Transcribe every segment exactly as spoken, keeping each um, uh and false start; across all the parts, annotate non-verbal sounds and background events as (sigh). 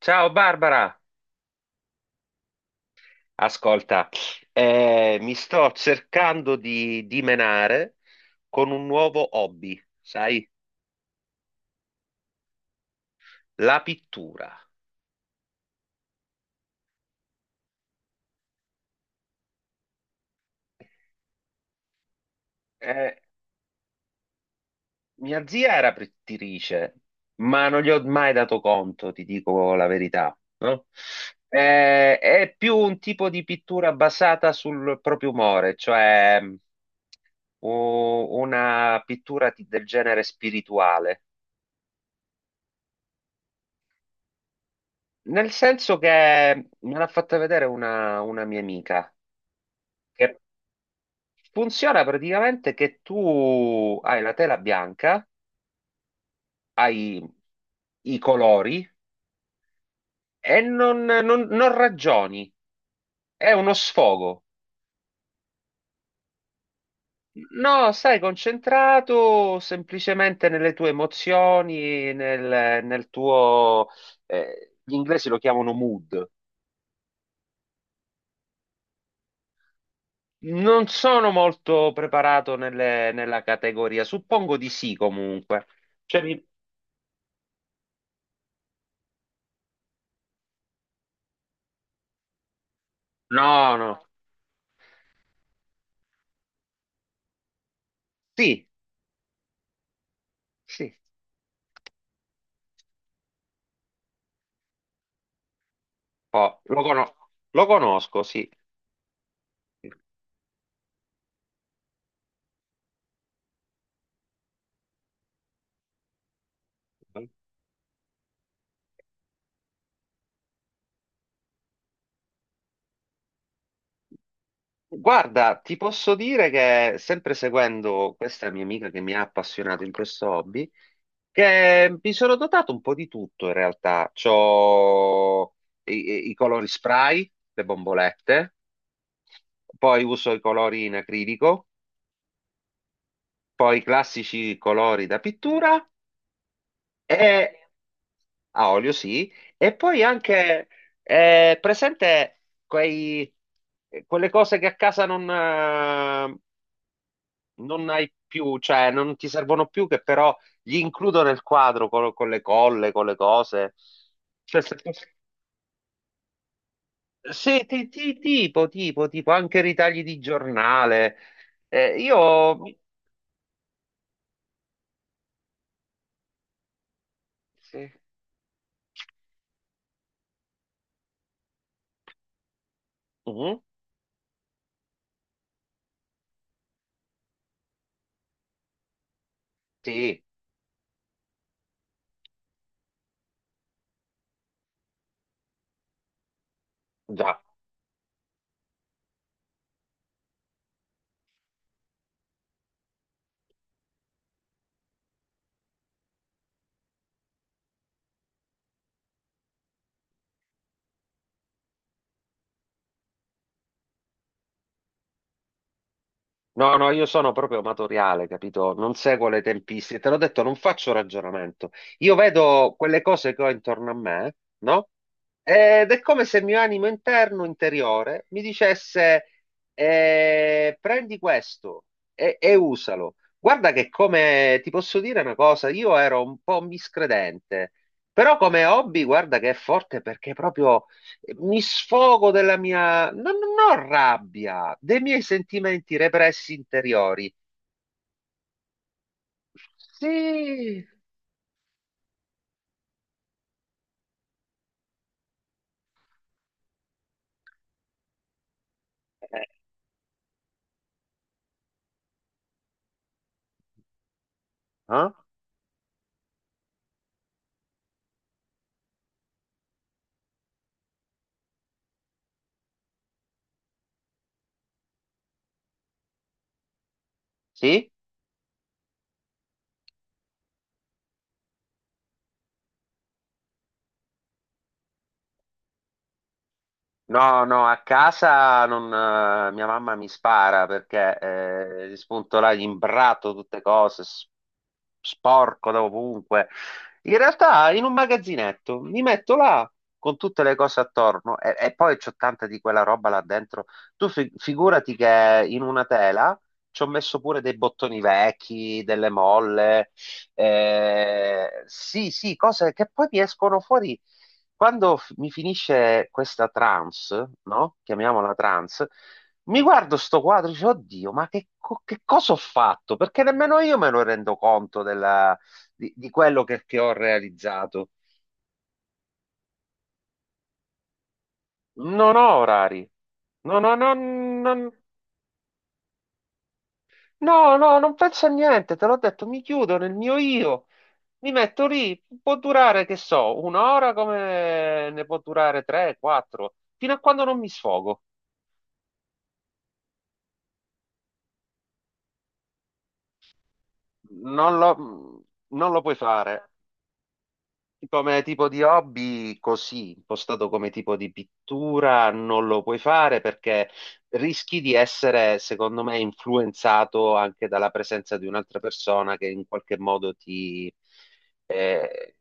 Ciao Barbara, ascolta, eh, mi sto cercando di dimenare con un nuovo hobby, sai, la pittura. Eh, Mia zia era pittrice, ma non gli ho mai dato conto, ti dico la verità, no? Eh, è più un tipo di pittura basata sul proprio umore, cioè mh, u- una pittura di- del genere spirituale. Nel senso che me l'ha fatta vedere una, una mia amica. Che funziona praticamente che tu hai la tela bianca, hai i colori e non, non- non ragioni, è uno sfogo. No, stai concentrato semplicemente nelle tue emozioni, nel, nel tuo... eh, gli inglesi lo chiamano mood. Non sono molto preparato nelle- nella categoria, suppongo di sì comunque. Cioè, mi- No, no, sì, sì. Oh, lo, cono- lo conosco, sì. Guarda, ti posso dire che sempre seguendo questa mia amica che mi ha appassionato in questo hobby, che mi sono dotato un po' di tutto in realtà. C'ho i, i colori spray, le bombolette, poi uso i colori in acrilico, poi i classici colori da pittura. A olio sì, e poi anche eh, presente quei, quelle cose che a casa non, eh, non hai più, cioè non ti servono più, che però gli includo nel quadro con, con le colle, con le cose. Cioè, se- sì, ti- ti- tipo, tipo, tipo, anche ritagli di giornale. Eh, io... Sì. Mhm. Sì, già. No, no, io sono proprio amatoriale, capito? Non seguo le tempistiche. Te l'ho detto, non faccio ragionamento. Io vedo quelle cose che ho intorno a me, no? Ed è come se il mio animo interno, interiore, mi dicesse, eh, prendi questo e, e usalo. Guarda che come, ti posso dire una cosa, io ero un po' miscredente, però come hobby, guarda che è forte perché proprio mi sfogo della mia, non, non ho rabbia, dei miei sentimenti repressi interiori. Sì. Eh, ah? Sì? No, no, a casa non, eh, mia mamma mi spara perché eh, spunto là, gli imbrato tutte cose, s- sporco da ovunque. In realtà in un magazzinetto mi metto là con tutte le cose attorno e, e poi c'ho tanta di quella roba là dentro. Tu fi- figurati che in una tela ci ho messo pure dei bottoni vecchi, delle molle, eh, sì, sì, cose che poi mi escono fuori quando f- mi finisce questa trance, no? Chiamiamola trance, mi guardo sto quadro e dico, oddio, ma che, co- che cosa ho fatto? Perché nemmeno io me ne rendo conto della- di, di quello che, che ho realizzato. Non ho orari. No, no, no, non- no, no, non penso a niente, te l'ho detto, mi chiudo nel mio io, mi metto lì, può durare, che so, un'ora come ne può durare tre, quattro, fino a quando non mi sfogo. Non lo, non lo puoi fare. Come tipo di hobby, così, impostato come tipo di pittura, non lo puoi fare perché rischi di essere, secondo me, influenzato anche dalla presenza di un'altra persona che in qualche modo ti, eh,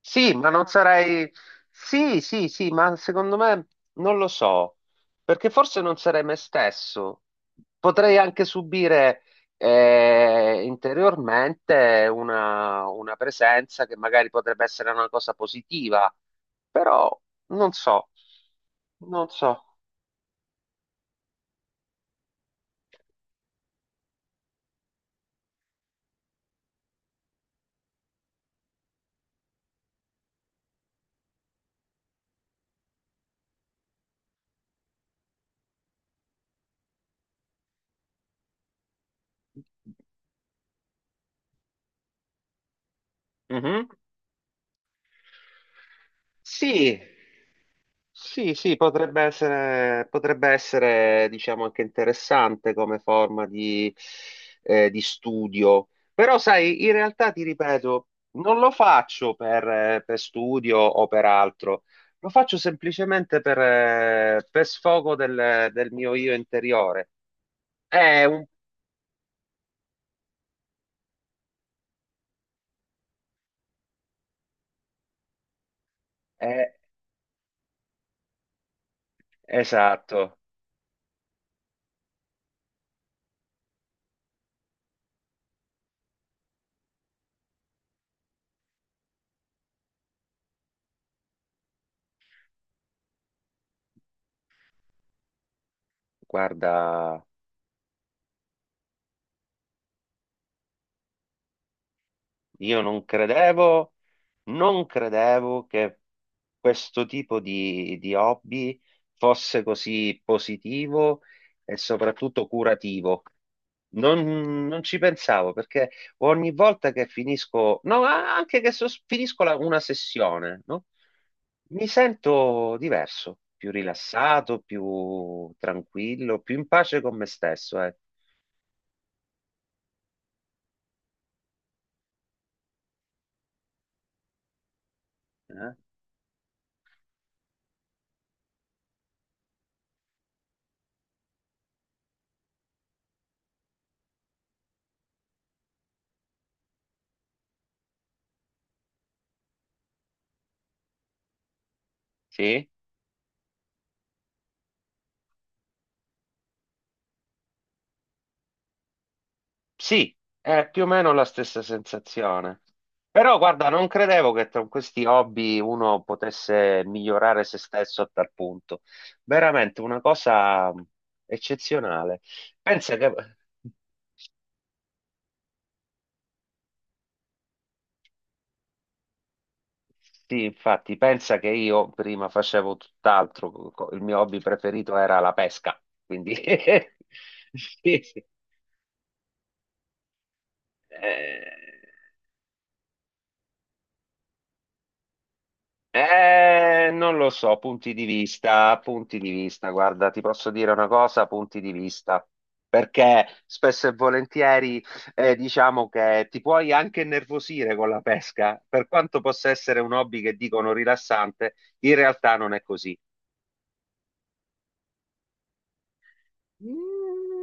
Sì, ma non sarei... Sì, sì, sì, ma secondo me non lo so, perché forse non sarei me stesso. Potrei anche subire eh, interiormente una, una presenza che magari potrebbe essere una cosa positiva, però non so, non so. Mhm. Sì, sì, sì, potrebbe essere, potrebbe essere, diciamo, anche interessante come forma di, eh, di studio. Però, sai, in realtà ti ripeto, non lo faccio per, eh, per studio o per altro, lo faccio semplicemente per, eh, per sfogo del, del mio io interiore. È un... è- esatto, guarda. Io non credevo, non credevo che questo tipo di, di hobby fosse così positivo e soprattutto curativo. Non, non ci pensavo perché ogni volta che finisco, no, a- anche che sos- finisco la- una sessione, no? Mi sento diverso, più rilassato, più tranquillo, più in pace con me stesso, eh. Eh? Sì? Sì, è più o meno la stessa sensazione. Però guarda, non credevo che con questi hobby uno potesse migliorare se stesso a tal punto. Veramente una cosa eccezionale. Pensa che... Sì, infatti, pensa che io prima facevo tutt'altro, co- co- il mio hobby preferito era la pesca, quindi... (laughs) Sì, sì. Eh, Eh, non lo so, punti di vista, punti di vista, guarda, ti posso dire una cosa, punti di vista, perché spesso e volentieri eh, diciamo che ti puoi anche innervosire con la pesca, per quanto possa essere un hobby che dicono rilassante, in realtà non è così. Mm,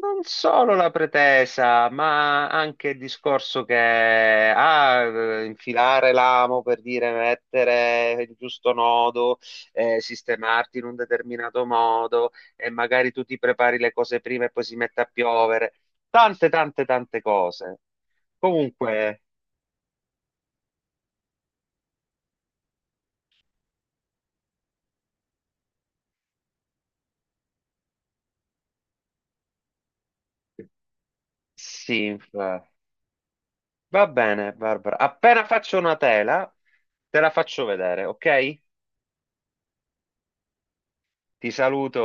non solo la pretesa, ma anche il discorso che ah, eh, infilare l'amo per dire mettere il giusto nodo, eh, sistemarti in un determinato modo e magari tu ti prepari le cose prima e poi si mette a piovere. Tante, tante, tante cose. Comunque, sì, va va bene, Barbara. Appena faccio una tela, te la faccio vedere, ok? Ti saluto.